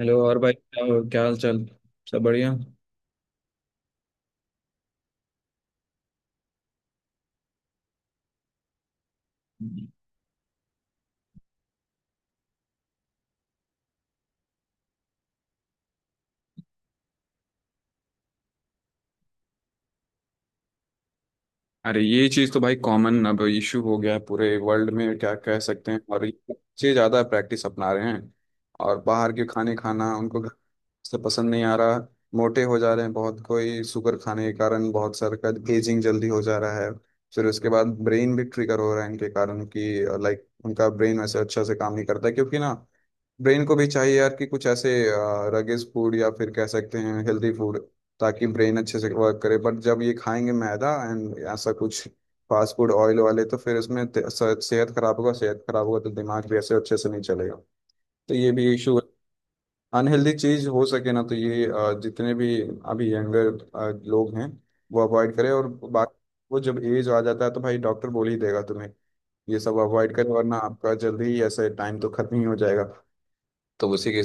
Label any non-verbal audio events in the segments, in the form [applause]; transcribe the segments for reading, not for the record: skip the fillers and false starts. Hello और भाई क्या क्या हाल चाल। सब बढ़िया। अरे ये चीज तो भाई कॉमन अब इशू हो गया है पूरे वर्ल्ड में, क्या कह सकते हैं, और ये बच्चे ज्यादा प्रैक्टिस अपना रहे हैं और बाहर के खाने खाना उनको घर से पसंद नहीं आ रहा। मोटे हो जा रहे हैं बहुत, कोई शुगर खाने के कारण, बहुत सारे का एजिंग जल्दी हो जा रहा है। फिर उसके बाद ब्रेन भी ट्रिगर हो रहा है इनके कारण कि लाइक उनका ब्रेन वैसे अच्छा से काम नहीं करता है क्योंकि ना, ब्रेन को भी चाहिए यार कि कुछ ऐसे रगेज फूड या फिर कह सकते हैं हेल्दी फूड, ताकि ब्रेन अच्छे से वर्क करे। बट जब ये खाएंगे मैदा एंड ऐसा कुछ फास्ट फूड ऑयल वाले, तो फिर इसमें सेहत खराब होगा, सेहत खराब होगा तो दिमाग भी ऐसे अच्छे से नहीं चलेगा। तो ये भी इशू है। अनहेल्दी चीज हो सके ना, तो ये जितने भी अभी यंगर लोग हैं, वो अवॉइड करें। और बाकी, वो जब एज आ जाता है तो भाई डॉक्टर बोल ही देगा तुम्हें ये सब अवॉइड करें, वरना आपका जल्दी ही ऐसे टाइम तो खत्म ही हो जाएगा। तो उसी के,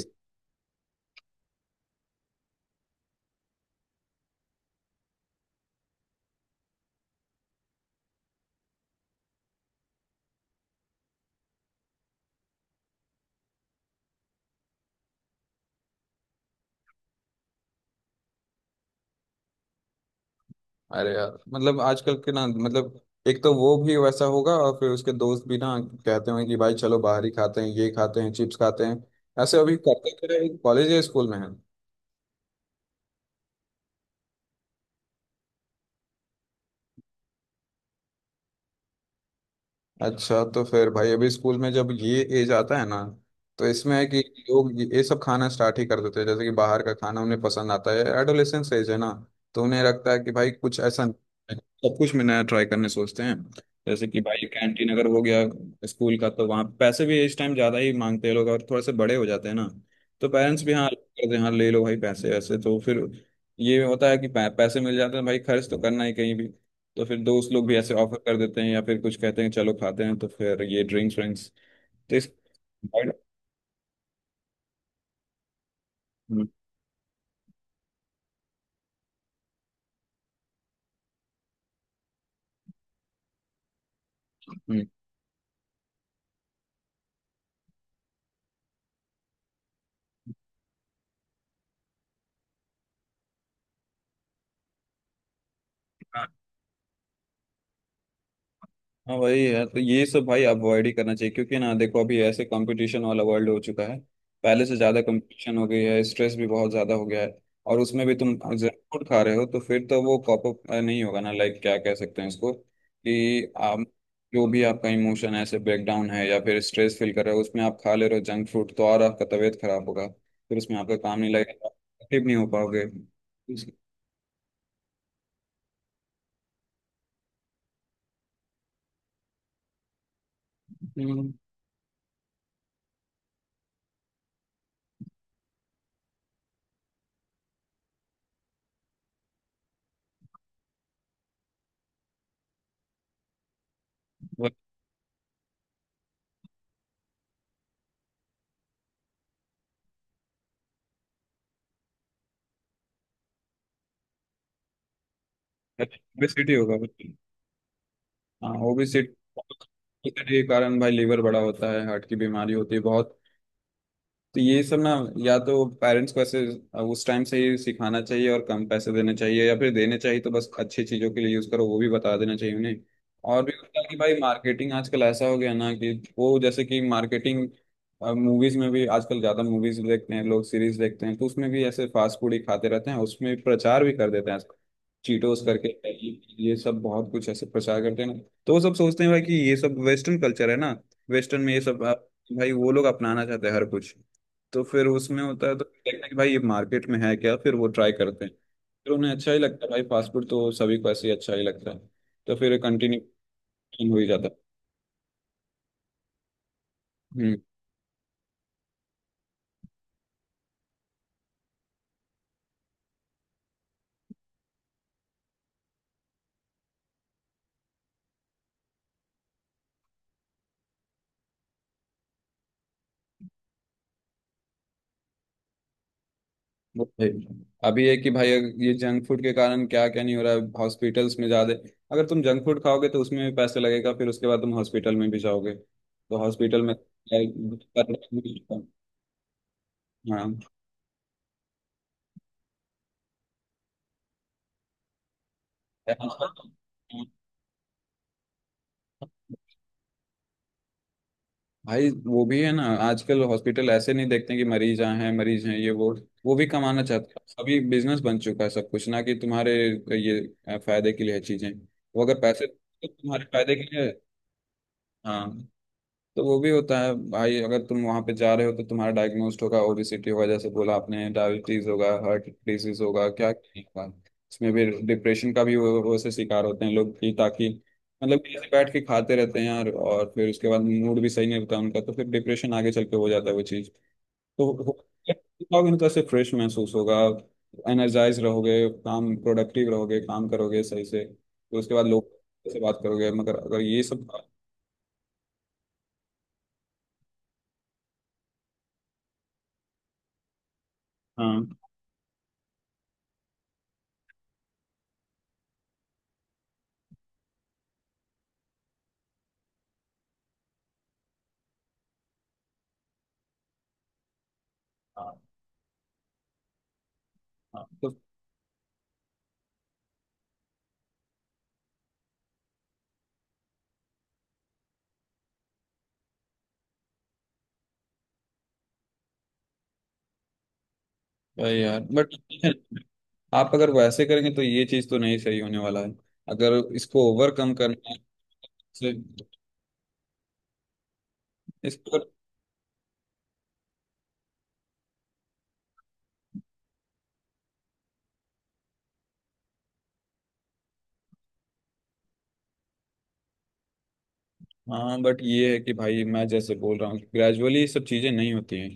अरे यार आजकल के ना, मतलब एक तो वो भी वैसा होगा और फिर उसके दोस्त भी ना, कहते होंगे कि भाई चलो बाहर ही खाते हैं, ये खाते हैं, चिप्स खाते हैं। ऐसे अभी करते, कॉलेज या स्कूल में है। अच्छा, तो फिर भाई अभी स्कूल में जब ये एज आता है ना, तो इसमें है कि लोग ये सब खाना स्टार्ट ही कर देते हैं, जैसे कि बाहर का खाना उन्हें पसंद आता है। एडोलेसेंस एज है ना, तो उन्हें लगता है कि भाई कुछ ऐसा नहीं है। सब कुछ में नया ट्राई करने सोचते हैं। जैसे कि भाई कैंटीन अगर हो गया स्कूल का, तो वहाँ पैसे भी इस टाइम ज़्यादा ही मांगते हैं लोग, और थोड़े से बड़े हो जाते हैं ना, तो पेरेंट्स भी हाँ करते हैं, हाँ ले लो भाई पैसे, ऐसे। तो फिर ये होता है कि पैसे मिल जाते हैं, भाई खर्च तो करना ही कहीं भी, तो फिर दोस्त लोग भी ऐसे ऑफर कर देते हैं या फिर कुछ कहते हैं चलो खाते हैं, तो फिर ये ड्रिंक्स व्रिंक्स। तो इस, हम्म, हम्म। हाँ भाई यार, तो ये सब भाई अवॉइड ही करना चाहिए क्योंकि ना देखो, अभी ऐसे कंपटीशन वाला वर्ल्ड हो चुका है, पहले से ज्यादा कंपटीशन हो गई है, स्ट्रेस भी बहुत ज्यादा हो गया है। और उसमें भी तुम जंक फूड खा रहे हो, तो फिर तो वो कॉप अप नहीं होगा ना। लाइक क्या कह सकते हैं इसको कि आप, जो भी आपका इमोशन है ऐसे, ब्रेकडाउन है या फिर स्ट्रेस फील कर रहे हो, उसमें आप खा ले रहे हो जंक फूड, तो और आपका तबीयत खराब होगा। फिर उसमें आपका काम नहीं लगेगा, एक्टिव नहीं हो पाओगे। ओबेसिटी होगा। हाँ, ओबेसिटी के कारण भाई लीवर बड़ा होता है, हार्ट की बीमारी होती है बहुत। तो ये सब ना, या तो पेरेंट्स को ऐसे उस टाइम से ही सिखाना चाहिए, और कम पैसे देने चाहिए, या फिर देने चाहिए तो बस अच्छी चीज़ों के लिए यूज़ करो वो भी बता देना चाहिए उन्हें। और भी होता है कि भाई मार्केटिंग आजकल ऐसा हो गया ना कि, वो जैसे कि मार्केटिंग मूवीज में भी, आजकल ज़्यादा मूवीज देखते हैं लोग, सीरीज देखते हैं, तो उसमें भी ऐसे फास्ट फूड ही खाते रहते हैं, उसमें प्रचार भी कर देते हैं। चीटोस करके, ये सब बहुत कुछ ऐसे प्रचार करते हैं ना। तो वो सब सोचते हैं भाई कि ये सब वेस्टर्न कल्चर है ना, वेस्टर्न में ये सब भाई वो लोग अपनाना चाहते हैं हर कुछ। तो फिर उसमें होता है, तो देखते हैं कि भाई ये मार्केट में है क्या, फिर वो ट्राई करते हैं। फिर उन्हें अच्छा ही लगता है, भाई फास्ट फूड तो सभी को ऐसे ही अच्छा ही लगता है। तो फिर कंटिन्यू हो ही जाता है। वो है। अभी है कि भाई, अगर ये जंक फूड के कारण क्या क्या नहीं हो रहा है, हॉस्पिटल्स में ज्यादा, अगर तुम जंक फूड खाओगे तो उसमें भी पैसे लगेगा, फिर उसके बाद तुम हॉस्पिटल में भी जाओगे, तो हॉस्पिटल में [laughs] हाँ, भाई वो भी है ना, आजकल हॉस्पिटल ऐसे नहीं देखते कि मरीज आए हैं, मरीज हैं ये वो भी कमाना चाहते हैं। अभी बिजनेस बन चुका है सब कुछ ना, कि तुम्हारे ये फायदे के लिए है चीजें। वो अगर पैसे, तुम्हारे फायदे के लिए है, हाँ। तो वो भी होता है भाई, अगर तुम वहां पे जा रहे हो तो तुम्हारा डायग्नोस्ट होगा, ओबेसिटी होगा, जैसे बोला आपने, डायबिटीज होगा, हार्ट डिजीज होगा, क्या क्या नहीं होगा। उसमें भी डिप्रेशन का भी वो से शिकार होते हैं लोग, कि ताकि, मतलब कि ऐसे बैठ के खाते रहते हैं यार, और फिर उसके बाद मूड भी सही नहीं होता उनका, तो फिर डिप्रेशन आगे चल के हो जाता है वो चीज़। तो खाओगे ना तो ऐसे फ्रेश महसूस होगा, एनर्जाइज रहोगे, काम प्रोडक्टिव रहोगे, काम करोगे सही से, तो उसके बाद लोग से बात करोगे। मगर अगर ये सब, हाँ, हाँ, हाँ। तो भाई यार बट, आप अगर वैसे करेंगे तो ये चीज तो नहीं सही होने वाला है। अगर इसको ओवरकम करना है से इसको, हाँ बट ये है कि भाई मैं जैसे बोल रहा हूँ, ग्रेजुअली ये सब चीजें नहीं होती हैं।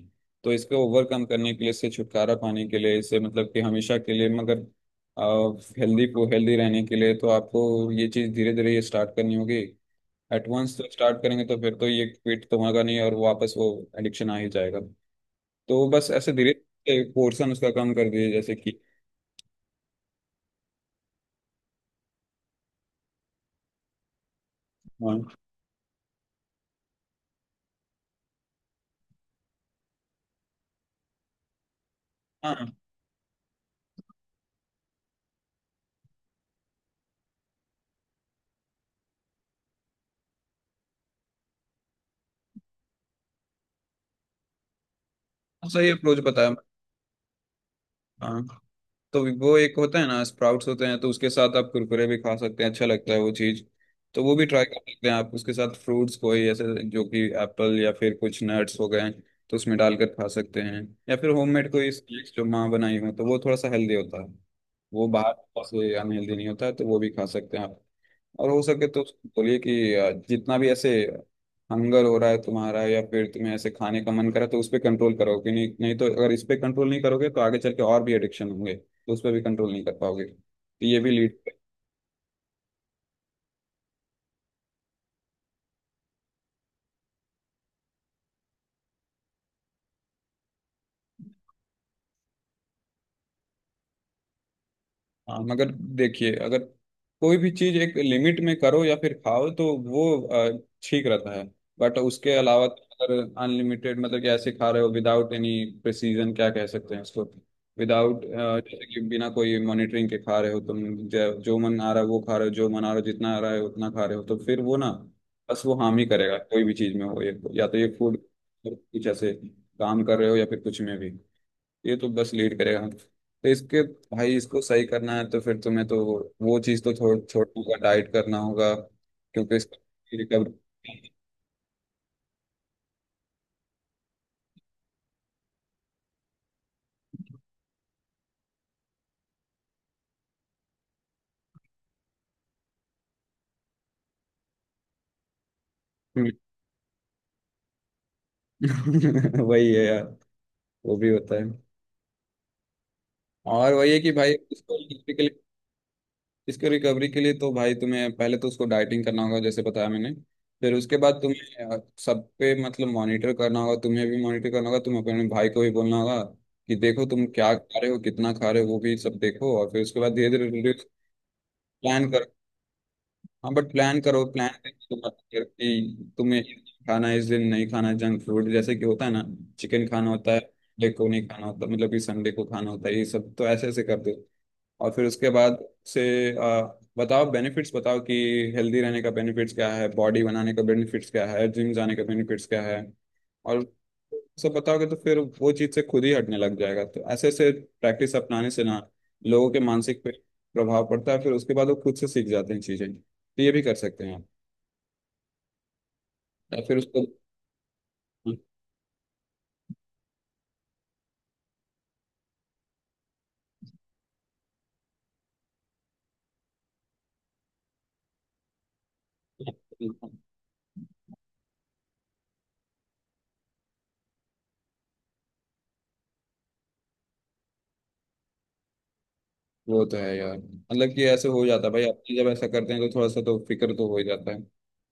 तो इसको ओवरकम करने के लिए, इससे छुटकारा पाने के लिए, इससे मतलब कि हमेशा के लिए, मगर हेल्दी को हेल्दी रहने के लिए, तो आपको ये चीज धीरे धीरे ये स्टार्ट करनी होगी। एट वंस तो स्टार्ट करेंगे तो फिर तो ये क्विट तो होगा नहीं, और वापस वो एडिक्शन आ ही जाएगा। तो बस ऐसे धीरे धीरे पोर्शन उसका कम कर दिए, जैसे कि, हाँ, हाँ। सही अप्रोच बताया। हाँ, तो वो एक होता है ना स्प्राउट्स होते हैं, तो उसके साथ आप कुरकुरे भी खा सकते हैं, अच्छा लगता है वो चीज़। तो वो भी ट्राई कर सकते हैं आप, उसके साथ फ्रूट्स कोई ऐसे जो कि एप्पल, या फिर कुछ नट्स हो गए तो उसमें डालकर खा सकते हैं। या फिर होममेड कोई स्नैक्स जो माँ बनाई हो, तो वो थोड़ा सा हेल्दी होता है, वो बाहर से अनहेल्दी नहीं होता है, तो वो भी खा सकते हैं आप। और हो सके तो उसको बोलिए कि जितना भी ऐसे हंगर हो रहा है तुम्हारा, या फिर तुम्हें ऐसे खाने का मन करे, तो उस पर कंट्रोल करो कि नहीं, नहीं तो अगर इस पे कंट्रोल नहीं करोगे तो आगे चल के और भी एडिक्शन होंगे, तो उस पर भी कंट्रोल नहीं कर पाओगे, तो ये भी लीड, हाँ मगर। देखिए, अगर कोई भी चीज एक लिमिट में करो या फिर खाओ तो वो अ, ठीक रहता है, बट उसके अलावा अगर अनलिमिटेड, मतलब कि ऐसे खा रहे हो विदाउट एनी प्रिसीजन, क्या कह सकते हैं उसको, विदाउट जैसे कि बिना कोई मॉनिटरिंग के खा रहे हो तुम, जो मन आ रहा है वो खा रहे हो, जो मन आ रहा है जितना आ रहा है उतना खा रहे हो, तो फिर वो ना बस वो हार्म ही करेगा। कोई भी चीज में हो, ये या तो ये फूड, कुछ ऐसे काम कर रहे हो या फिर कुछ में भी, ये तो बस लीड करेगा। तो इसके, भाई इसको सही करना है तो फिर तुम्हें तो वो चीज़ तो छोड़, छोड़ने का डाइट करना होगा क्योंकि इसका रिकवरी, [laughs] वही है यार। वो भी होता है, और वही है कि भाई इसको recovery के लिए, इसके रिकवरी के लिए तो भाई तुम्हें पहले तो उसको डाइटिंग करना होगा जैसे बताया मैंने। फिर उसके बाद तुम्हें सब पे मतलब मॉनिटर करना होगा, तुम्हें भी मॉनिटर करना होगा, तुम अपने भाई को भी बोलना होगा कि देखो तुम क्या खा रहे हो, कितना खा रहे हो, वो भी सब देखो, और फिर उसके बाद धीरे धीरे प्लान करो। हाँ बट प्लान करो, प्लान तो मत करो कि तुम्हें ये खाना है, इस दिन नहीं खाना जंक फूड, जैसे कि होता है ना चिकन खाना होता है संडे को, नहीं खाना होता मतलब कि संडे को खाना होता है, ये सब तो ऐसे ऐसे कर दो। और फिर उसके बाद से आ, बताओ, बेनिफिट्स बताओ कि हेल्दी रहने का बेनिफिट्स क्या है, बॉडी बनाने का बेनिफिट्स क्या है, जिम जाने का बेनिफिट्स क्या है। और सब बताओगे तो फिर वो चीज़ से खुद ही हटने लग जाएगा। तो ऐसे ऐसे प्रैक्टिस अपनाने से ना, लोगों के मानसिक पे प्रभाव पड़ता है, फिर उसके बाद वो खुद से सीख जाते हैं चीज़ें, तो ये भी कर सकते हैं आप। या फिर उसको, वो तो है यार मतलब कि ऐसे हो जाता है भाई, अपने जब ऐसा करते हैं तो थोड़ा सा तो फिक्र तो हो ही जाता है।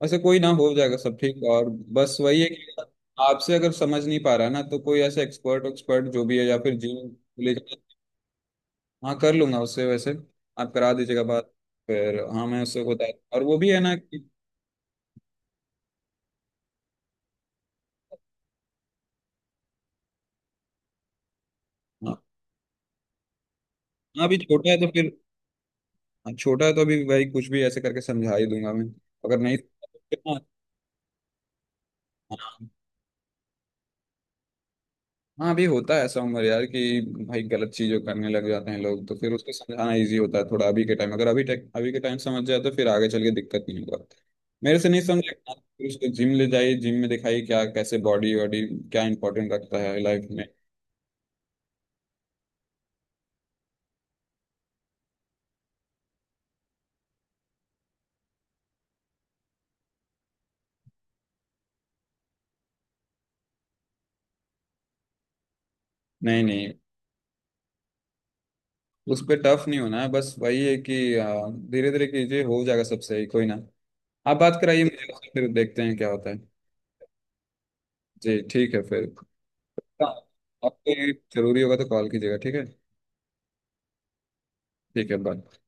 ऐसे कोई ना, हो जाएगा सब ठीक, और बस वही है कि आपसे अगर समझ नहीं पा रहा है ना, तो कोई ऐसे एक्सपर्ट, एक्सपर्ट जो भी है, या फिर जिम ले जाए। हाँ, कर लूंगा उससे वैसे, आप करा दीजिएगा बात, फिर हाँ मैं उससे बता। और वो भी है ना कि, हाँ, हाँ, अभी छोटा है तो फिर, हाँ, छोटा है तो अभी भाई कुछ भी ऐसे करके समझा ही दूंगा मैं। अगर नहीं, हाँ, हाँ, अभी होता है ऐसा उम्र यार, कि भाई गलत चीजें करने लग जाते हैं लोग, तो फिर उसको समझाना इजी होता है थोड़ा अभी के टाइम, अगर अभी टेक अभी के टाइम समझ जाए तो फिर आगे चल के दिक्कत नहीं होगा। मेरे से नहीं समझेगा फिर उसको जिम ले जाइए, जिम में दिखाइए क्या कैसे बॉडी वॉडी क्या इंपॉर्टेंट रखता है लाइफ में। नहीं नहीं, उस पर टफ नहीं होना है, बस वही है कि धीरे धीरे कीजिए, हो जाएगा सब सही, कोई ना। आप बात कराइए मुझे उससे, फिर देखते हैं क्या होता है। जी ठीक है फिर। हाँ, आपको जरूरी होगा तो कॉल कीजिएगा, ठीक है। ठीक है, बाय।